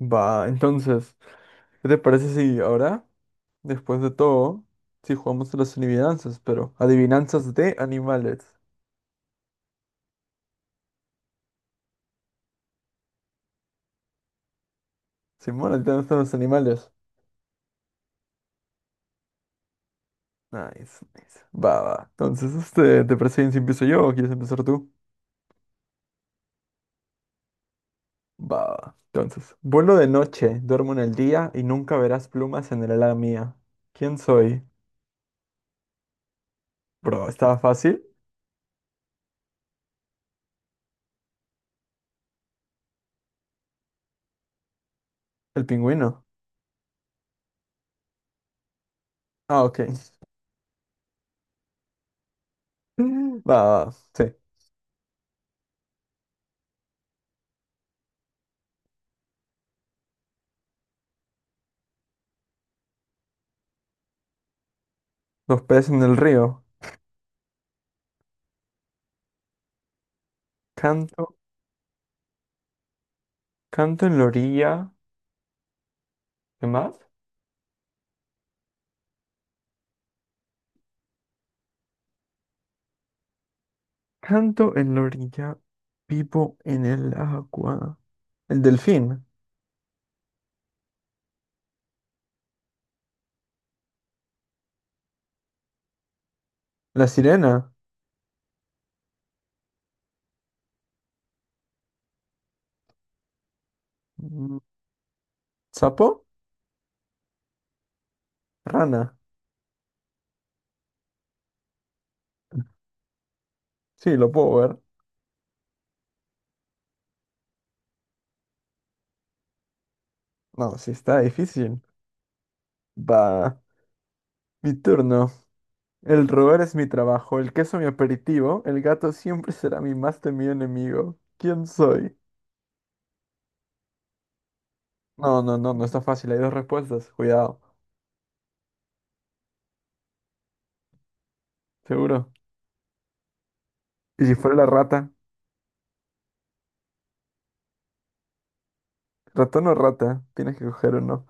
Va, entonces, ¿qué te parece si ahora, después de todo, si jugamos a las adivinanzas, pero adivinanzas de animales? Simón, ¿a ti te gustan los animales? Nice, nice. Va, va. Entonces, ¿te parece bien si empiezo yo o quieres empezar tú? Va, va. Entonces, vuelo de noche, duermo en el día y nunca verás plumas en el ala mía. ¿Quién soy? Bro, ¿estaba fácil? El pingüino. Ah, ok. Va, va, sí. Los peces en el río. Canto, canto, en la orilla. ¿Qué más? Canto en la orilla, vivo en el agua. El delfín, la sirena, mm, sapo, rana. Sí, lo puedo ver. No, sí está difícil. Va, mi turno. El roer es mi trabajo, el queso mi aperitivo, el gato siempre será mi más temido enemigo. ¿Quién soy? No, no, no, no está fácil. Hay dos respuestas. Cuidado. Seguro. ¿Y si fuera la rata? ¿Ratón o rata? Tienes que coger uno.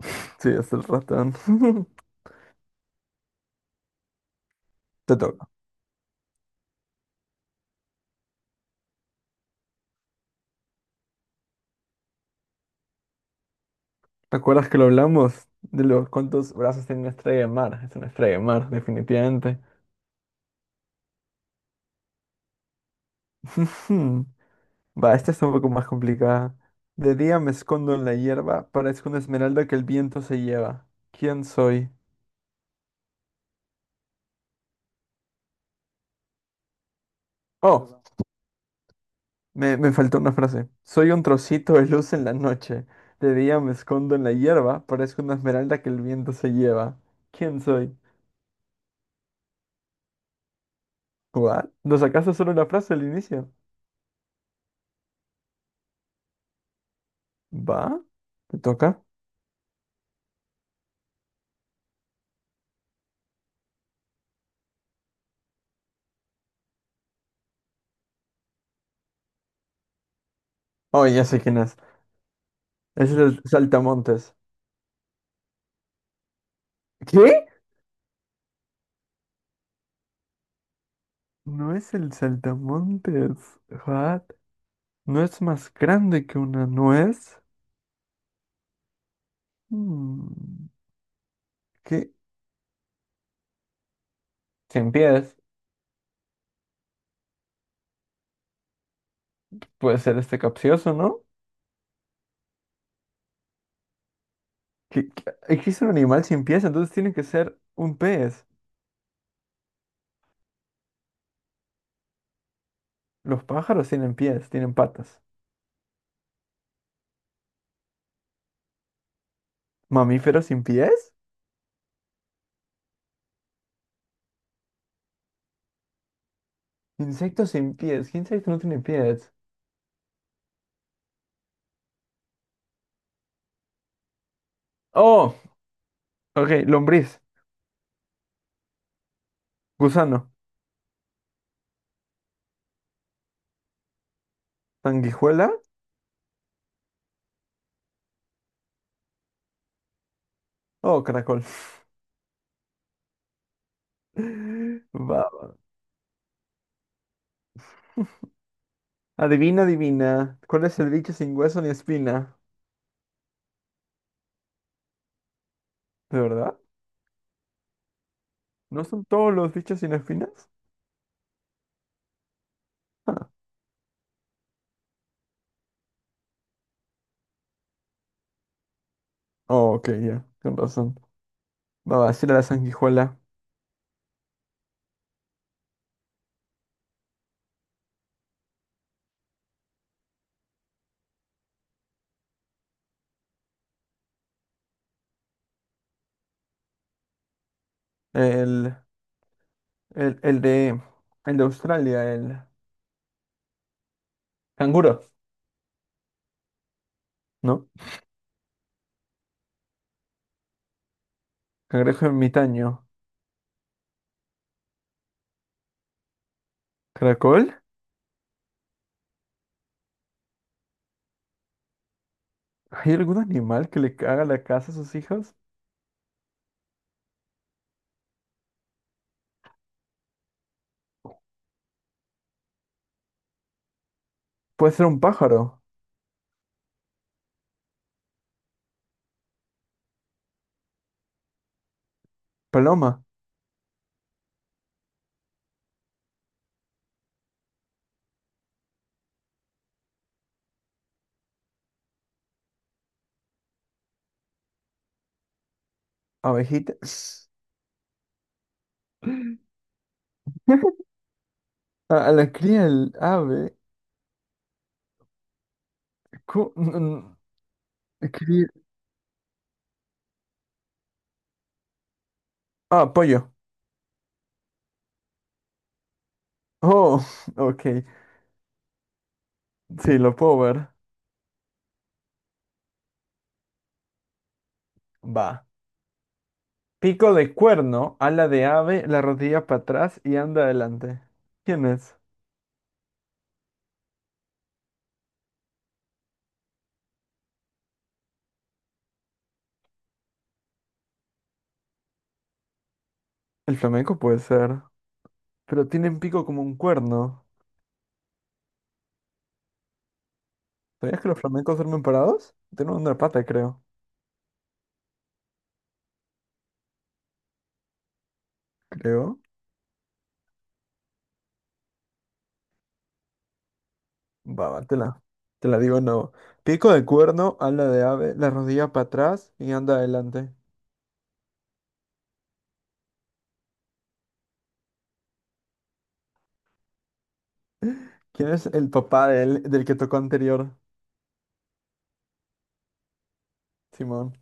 Sí, es el ratón. Te toca. ¿Te acuerdas que lo hablamos? De los cuántos brazos tiene una estrella de mar. Es una estrella de mar, definitivamente. Ujú. Va, esta es un poco más complicada. De día me escondo en la hierba, parezco una esmeralda que el viento se lleva. ¿Quién soy? Oh, me faltó una frase. Soy un trocito de luz en la noche. De día me escondo en la hierba, parezco una esmeralda que el viento se lleva. ¿Quién soy? ¿What? ¿Lo sacaste solo la frase al inicio? ¿Va? ¿Te toca? Oh, ya sé quién es. Es el saltamontes. ¿Qué? No es el saltamontes. What? ¿No es más grande que una nuez? Hmm. ¿Qué? Sin pies. Puede ser este capcioso, ¿no? Existe un animal sin pies, entonces tiene que ser un pez. Los pájaros tienen pies, tienen patas. ¿Mamíferos sin pies? Insectos sin pies. ¿Qué insecto no tiene pies? Oh, ok, lombriz, gusano, sanguijuela. Oh, caracol. Va. Adivina, adivina. ¿Cuál es el bicho sin hueso ni espina? ¿De verdad? ¿No son todos los bichos sin espinas? Ah. Oh, ok, ya. Con razón. Va, va, sí era la sanguijuela. El, el, el de, el de Australia, el canguro, ¿no? Cangrejo ermitaño. ¿Caracol? ¿Hay algún animal que le caga la casa a sus hijos? Puede ser un pájaro, paloma, abejita. A la cría el ave. cu- n- n- cría- Ah, pollo. Oh, ok. Sí, lo puedo ver. Va. Pico de cuerno, ala de ave, la rodilla para atrás y anda adelante. ¿Quién es? El flamenco puede ser. Pero tienen pico como un cuerno. ¿Sabías que los flamencos duermen parados? Tienen una pata, creo. Creo. Va, va, te la digo no. Pico de cuerno, ala de ave, la rodilla para atrás y anda adelante. ¿Quién es el papá del que tocó anterior? Simón.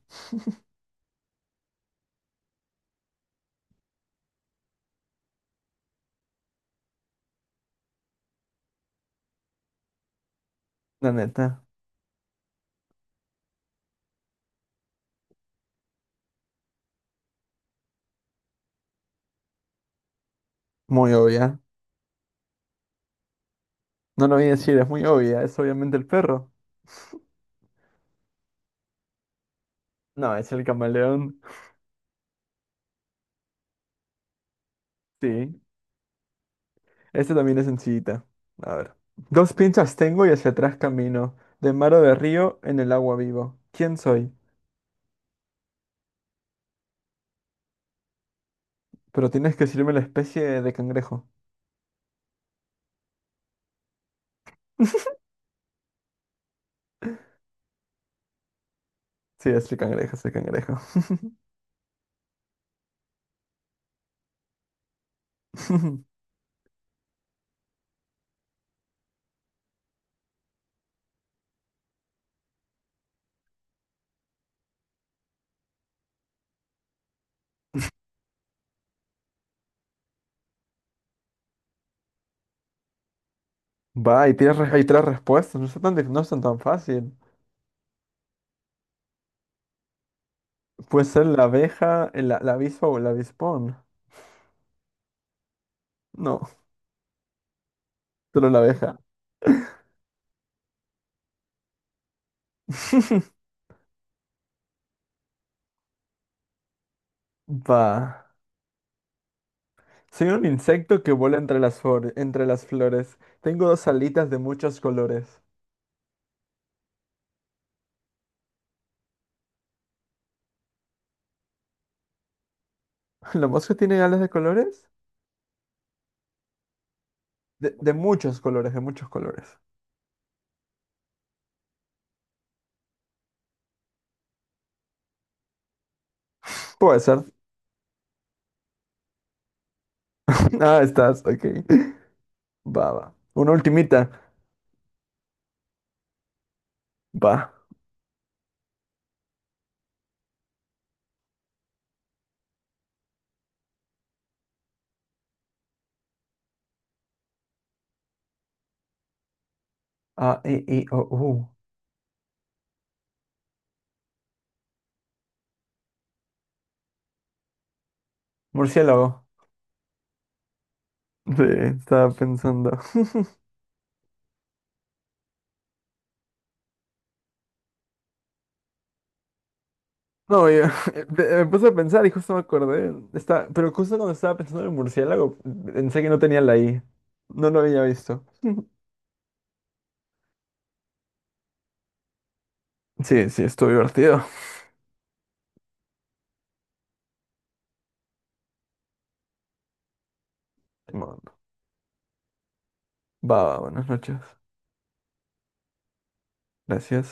La neta. Muy obvia. No lo voy a decir, es muy obvia. Es obviamente el perro. No, es el camaleón. Sí. Este también es sencillita. A ver. Dos pinzas tengo y hacia atrás camino. De mar o de río, en el agua vivo. ¿Quién soy? Pero tienes que decirme la especie de cangrejo. Sí, es el cangrejo, es el cangrejo. Va, y hay tres respuestas. No son tan fácil. Puede ser la abeja, la avispa o el avispón. No, solo la abeja. Va. Soy un insecto que vuela entre las flores. Tengo dos alitas de muchos colores. ¿La mosca tiene alas de colores? De muchos colores, de muchos colores. Puede ser. Ah, estás, ok. Va, va. Una ultimita. Va. A, E, I, O, U. Murciélago. Sí, estaba pensando. No, yo, me puse a pensar y justo me acordé. Está, pero justo cuando estaba pensando en el murciélago, pensé que no tenía la I. No lo había visto. Sí, sí, estuvo divertido. Bueno, va, va, buenas noches. Gracias.